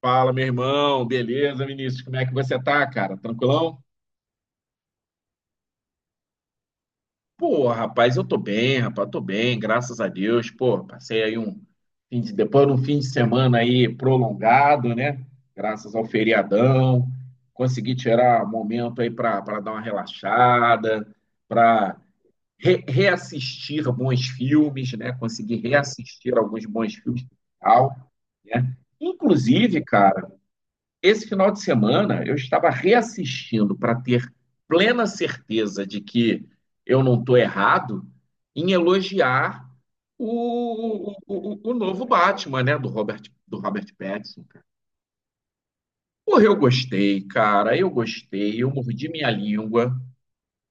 Fala, meu irmão. Beleza, Vinícius? Como é que você tá, cara? Tranquilão? Pô, rapaz, eu tô bem, rapaz, tô bem, graças a Deus. Pô, passei aí um depois de um fim de semana aí prolongado, né? Graças ao feriadão, consegui tirar um momento aí pra para dar uma relaxada, pra reassistir bons filmes, né? Consegui reassistir alguns bons filmes, e tal, né? Inclusive, cara. Esse final de semana eu estava reassistindo para ter plena certeza de que eu não estou errado em elogiar o novo Batman, né, do Robert Pattinson, cara. Porra, eu gostei, cara, eu gostei, eu mordi minha língua,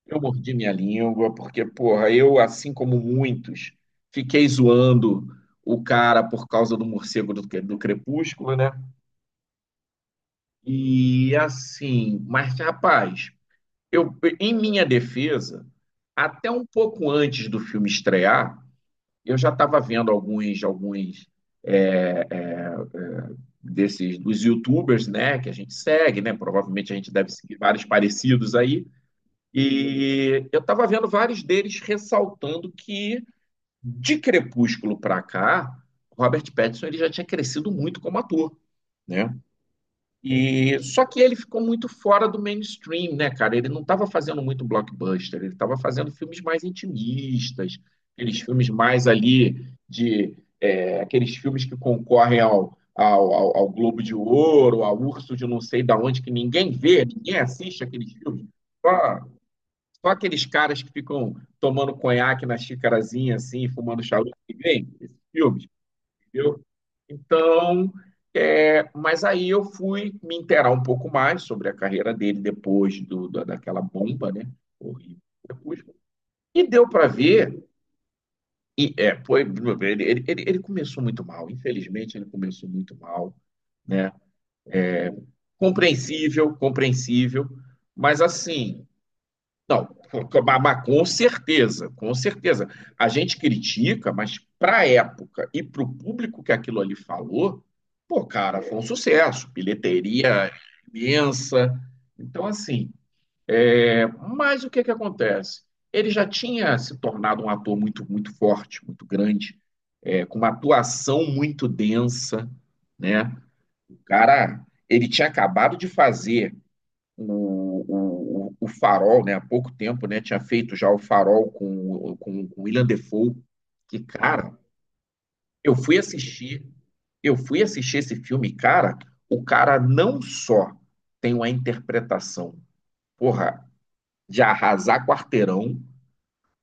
porque, porra, eu, assim como muitos, fiquei zoando o cara por causa do morcego do Crepúsculo, né? E assim, mas, rapaz, eu, em minha defesa, até um pouco antes do filme estrear, eu já estava vendo alguns é, é, é, desses dos YouTubers, né, que a gente segue, né? Provavelmente a gente deve seguir vários parecidos aí. E eu estava vendo vários deles ressaltando que de Crepúsculo para cá, Robert Pattinson ele já tinha crescido muito como ator, né? E só que ele ficou muito fora do mainstream, né, cara? Ele não estava fazendo muito blockbuster, ele estava fazendo filmes mais intimistas, aqueles filmes mais ali de aqueles filmes que concorrem ao Globo de Ouro, ao Urso de não sei da onde que ninguém vê, ninguém assiste aqueles filmes. Só, só aqueles caras que ficam tomando conhaque na xicarazinha assim, fumando charuto que vem, esses filmes. Viu? Então, é, mas aí eu fui me inteirar um pouco mais sobre a carreira dele depois daquela bomba, né? Horrível. Crepúsculo. E deu para ver, e é, foi, ele começou muito mal, infelizmente ele começou muito mal, né? Compreensível, compreensível, mas assim, não, mas com certeza, com certeza. A gente critica, mas para a época e para o público que aquilo ali falou, pô, cara, foi um sucesso, bilheteria imensa. Então, assim, é, mas o que que acontece? Ele já tinha se tornado um ator muito, muito forte, muito grande, é, com uma atuação muito densa, né? O cara, ele tinha acabado de fazer o Farol, né? Há pouco tempo, né? Tinha feito já o Farol com Willem Dafoe. Que, cara, eu fui assistir, eu fui assistir esse filme, e, cara, o cara não só tem uma interpretação, porra, de arrasar quarteirão,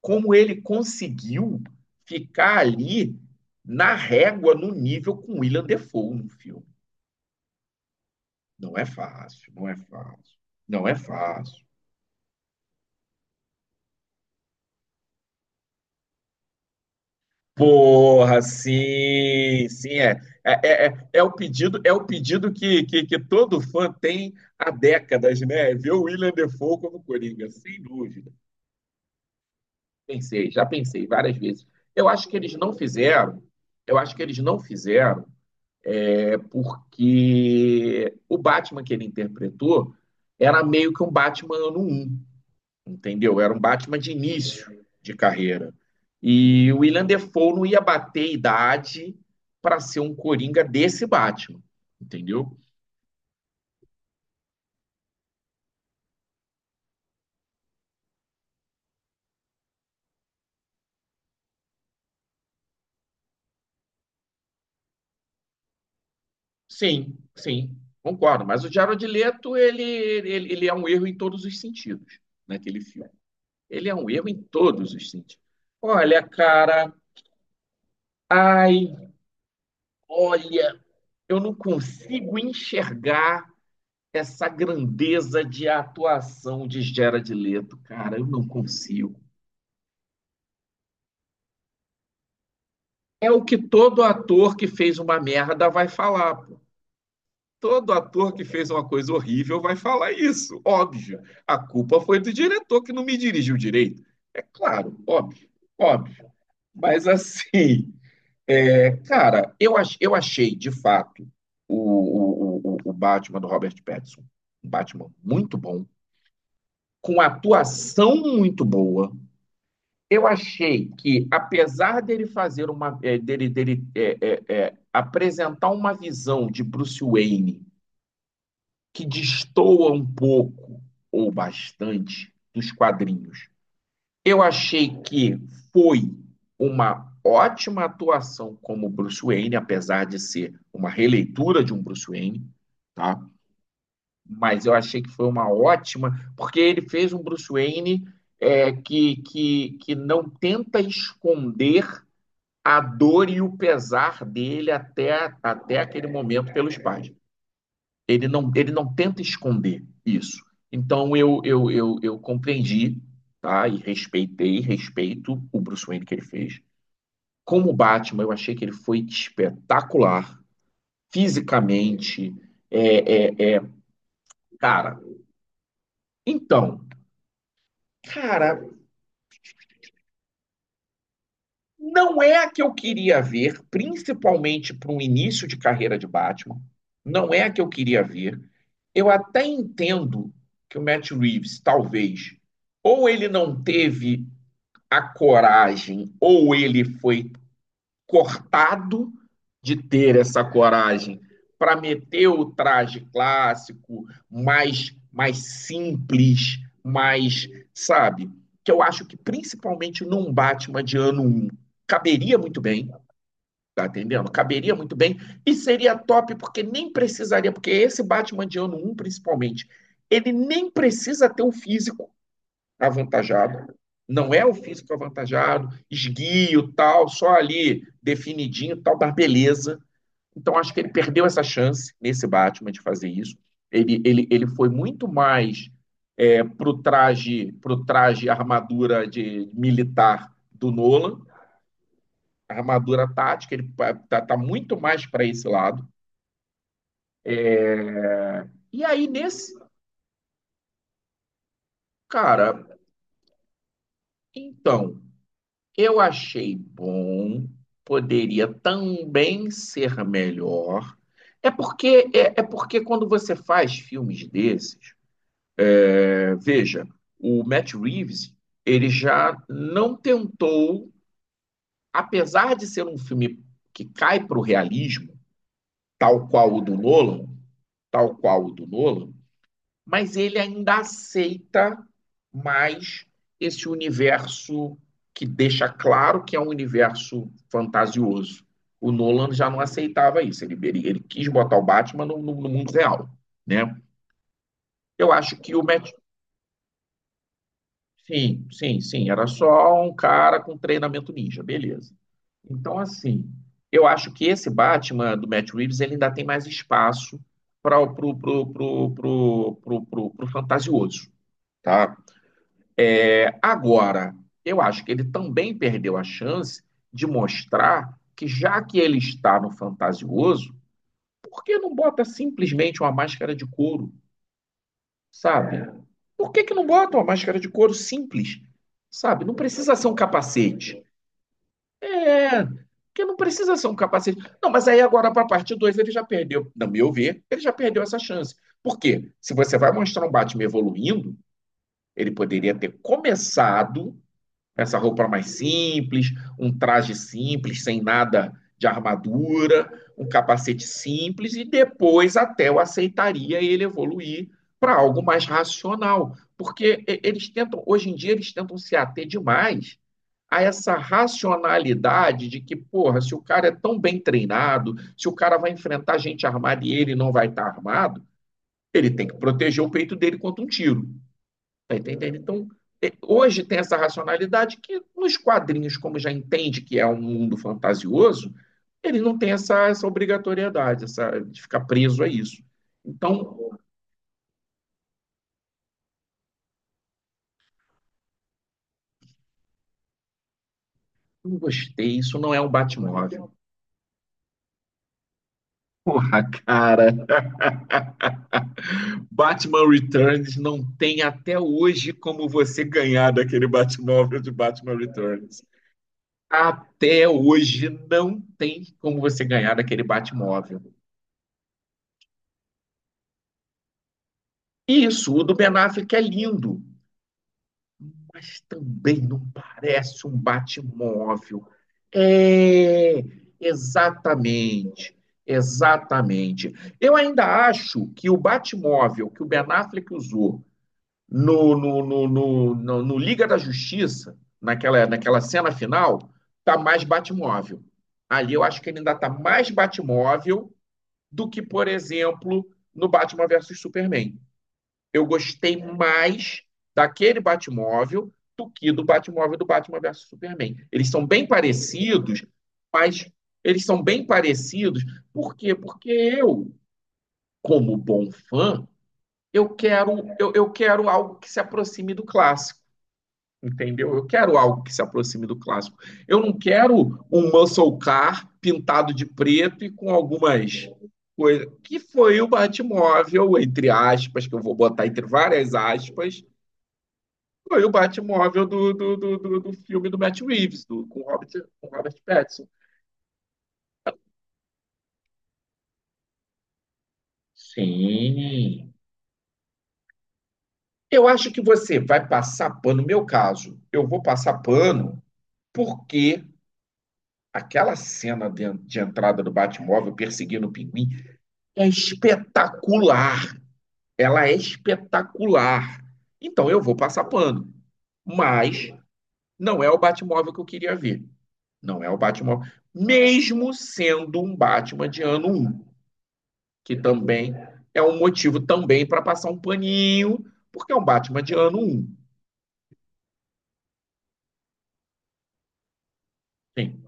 como ele conseguiu ficar ali na régua, no nível com Willem Dafoe no filme. Não é fácil, não é fácil, não é fácil. Porra, sim, sim, é. É o pedido que todo fã tem há décadas, né? É ver o William Defoe como Coringa, sem dúvida. Pensei, já pensei várias vezes. Eu acho que eles não fizeram, eu acho que eles não fizeram, é porque o Batman que ele interpretou era meio que um Batman ano um, entendeu? Era um Batman de início de carreira. E o William Defoe não ia bater idade para ser um Coringa desse Batman, entendeu? Sim, sim, concordo. Mas o Jared Leto, ele é um erro em todos os sentidos naquele filme. Ele é um erro em todos os sentidos. Olha, cara, ai, olha, eu não consigo enxergar essa grandeza de atuação de Jared Leto, cara, eu não consigo. É o que todo ator que fez uma merda vai falar, pô. Todo ator que fez uma coisa horrível vai falar isso, óbvio. A culpa foi do diretor que não me dirigiu direito. É claro, óbvio, óbvio. Mas assim, é, cara, eu achei de fato o Batman do Robert Pattinson um Batman muito bom, com atuação muito boa. Eu achei que, apesar dele fazer uma, dele apresentar uma visão de Bruce Wayne que destoa um pouco ou bastante dos quadrinhos, eu achei que foi uma ótima atuação como Bruce Wayne, apesar de ser uma releitura de um Bruce Wayne, tá? Mas eu achei que foi uma ótima, porque ele fez um Bruce Wayne que não tenta esconder a dor e o pesar dele até, até aquele momento pelos pais. Ele não tenta esconder isso. Então eu compreendi, tá? E respeitei, respeito o Bruce Wayne que ele fez. Como Batman, eu achei que ele foi espetacular fisicamente. É, é, é, cara, então, cara, não é a que eu queria ver, principalmente para um início de carreira de Batman. Não é a que eu queria ver. Eu até entendo que o Matt Reeves, talvez, ou ele não teve a coragem, ou ele foi cortado de ter essa coragem para meter o traje clássico, mais, mais simples, mais, sabe? Que eu acho que principalmente num Batman de ano um caberia muito bem, tá entendendo? Caberia muito bem e seria top porque nem precisaria, porque esse Batman de ano um principalmente, ele nem precisa ter um físico avantajado. Não é o físico avantajado, esguio, tal, só ali definidinho, tal, da beleza. Então, acho que ele perdeu essa chance nesse Batman de fazer isso. Ele foi muito mais é, pro traje armadura de militar do Nolan, armadura tática, ele tá, tá muito mais para esse lado. E aí, nesse, cara, então, eu achei bom, poderia também ser melhor. É porque é, é porque quando você faz filmes desses, é, veja, o Matt Reeves, ele já não tentou, apesar de ser um filme que cai para o realismo, tal qual o do Nolan, tal qual o do Nolan, mas ele ainda aceita mais esse universo que deixa claro que é um universo fantasioso. O Nolan já não aceitava isso, ele quis botar o Batman no mundo real, né? Eu acho que o Matt... Sim, sim, sim, era só um cara com treinamento ninja, beleza. Então, assim, eu acho que esse Batman do Matt Reeves ele ainda tem mais espaço para o pro, pro, pro, pro, pro, pro- pro fantasioso, tá? É, agora, eu acho que ele também perdeu a chance de mostrar que, já que ele está no fantasioso, por que não bota simplesmente uma máscara de couro, sabe? Por que, que não bota uma máscara de couro simples, sabe? Não precisa ser um capacete. É, porque não precisa ser um capacete. Não, mas aí agora para a parte 2 ele já perdeu, no meu ver, ele já perdeu essa chance. Por quê? Se você vai mostrar um Batman evoluindo, ele poderia ter começado essa roupa mais simples, um traje simples, sem nada de armadura, um capacete simples, e depois até eu aceitaria ele evoluir para algo mais racional. Porque eles tentam, hoje em dia, eles tentam se ater demais a essa racionalidade de que, porra, se o cara é tão bem treinado, se o cara vai enfrentar gente armada e ele não vai estar tá armado, ele tem que proteger o peito dele contra um tiro. Tá entendendo? Então, é, hoje tem essa racionalidade que nos quadrinhos, como já entende que é um mundo fantasioso, ele não tem essa, essa obrigatoriedade, essa, de ficar preso a isso. Então, não gostei, isso não é um Batmóvel. Porra, cara. Batman Returns não tem até hoje como você ganhar daquele Batmóvel de Batman Returns. Até hoje não tem como você ganhar daquele Batmóvel. Isso, o do Ben Affleck é lindo, mas também não parece um Batmóvel. É, exatamente, exatamente. Eu ainda acho que o Batmóvel que o Ben Affleck usou no Liga da Justiça, naquela, naquela cena final, tá mais Batmóvel. Ali eu acho que ele ainda tá mais Batmóvel do que, por exemplo, no Batman versus Superman eu gostei mais daquele Batmóvel do que do Batmóvel do Batman versus Superman. Eles são bem parecidos, mas eles são bem parecidos. Por quê? Porque eu, como bom fã, eu quero, eu quero algo que se aproxime do clássico, entendeu? Eu quero algo que se aproxime do clássico. Eu não quero um muscle car pintado de preto e com algumas coisas, que foi o Batmóvel, entre aspas, que eu vou botar entre várias aspas, foi o Batmóvel do filme do Matt Reeves, do, com Robert Pattinson. Sim. Eu acho que você vai passar pano, no meu caso, eu vou passar pano porque aquela cena de entrada do Batmóvel perseguindo o pinguim é espetacular. Ela é espetacular. Então eu vou passar pano. Mas não é o Batmóvel que eu queria ver. Não é o Batmóvel. Mesmo sendo um Batman de ano um. Que também é um motivo também para passar um paninho, porque é um Batman de ano um. Sim,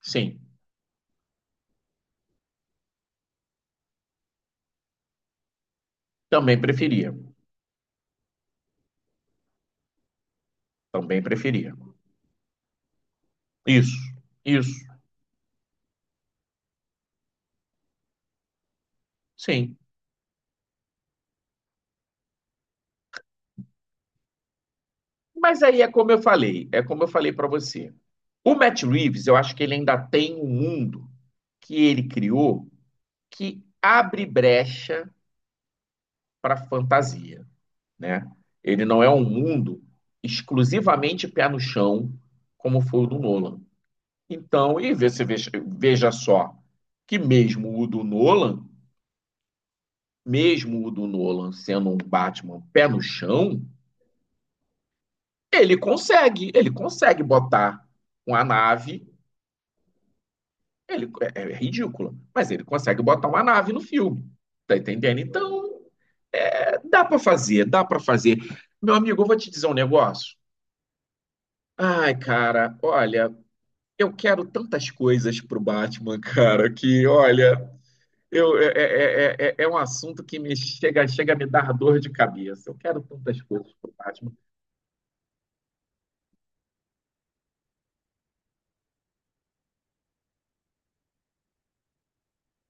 sim. Também preferia. Também preferia. Isso, isso. Sim. Mas aí é como eu falei, é como eu falei para você. O Matt Reeves, eu acho que ele ainda tem um mundo que ele criou que abre brecha para fantasia, né? Ele não é um mundo exclusivamente pé no chão como foi o do Nolan. Então, e você veja, veja só que mesmo o do Nolan, mesmo o do Nolan sendo um Batman pé no chão, ele consegue botar uma nave, ele é, é ridícula, mas ele consegue botar uma nave no filme. Tá entendendo? Então, é, dá para fazer, dá para fazer. Meu amigo, eu vou te dizer um negócio. Ai, cara, olha, eu quero tantas coisas pro Batman, cara, que olha, eu, um assunto que me chega, chega a me dar dor de cabeça. Eu quero tantas coisas pro Batman.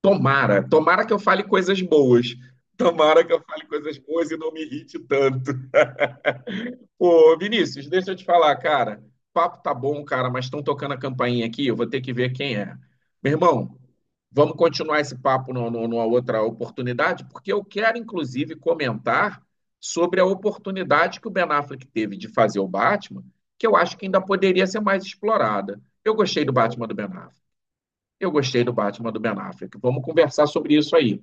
Tomara, tomara que eu fale coisas boas. Tomara que eu fale coisas boas e não me irrite tanto. Ô, Vinícius, deixa eu te falar, cara. Papo tá bom, cara, mas estão tocando a campainha aqui, eu vou ter que ver quem é. Meu irmão, vamos continuar esse papo numa outra oportunidade, porque eu quero, inclusive, comentar sobre a oportunidade que o Ben Affleck teve de fazer o Batman, que eu acho que ainda poderia ser mais explorada. Eu gostei do Batman do Ben Affleck. Eu gostei do Batman do Ben Affleck. Vamos conversar sobre isso aí.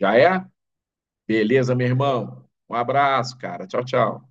Já é? Beleza, meu irmão. Um abraço, cara. Tchau, tchau.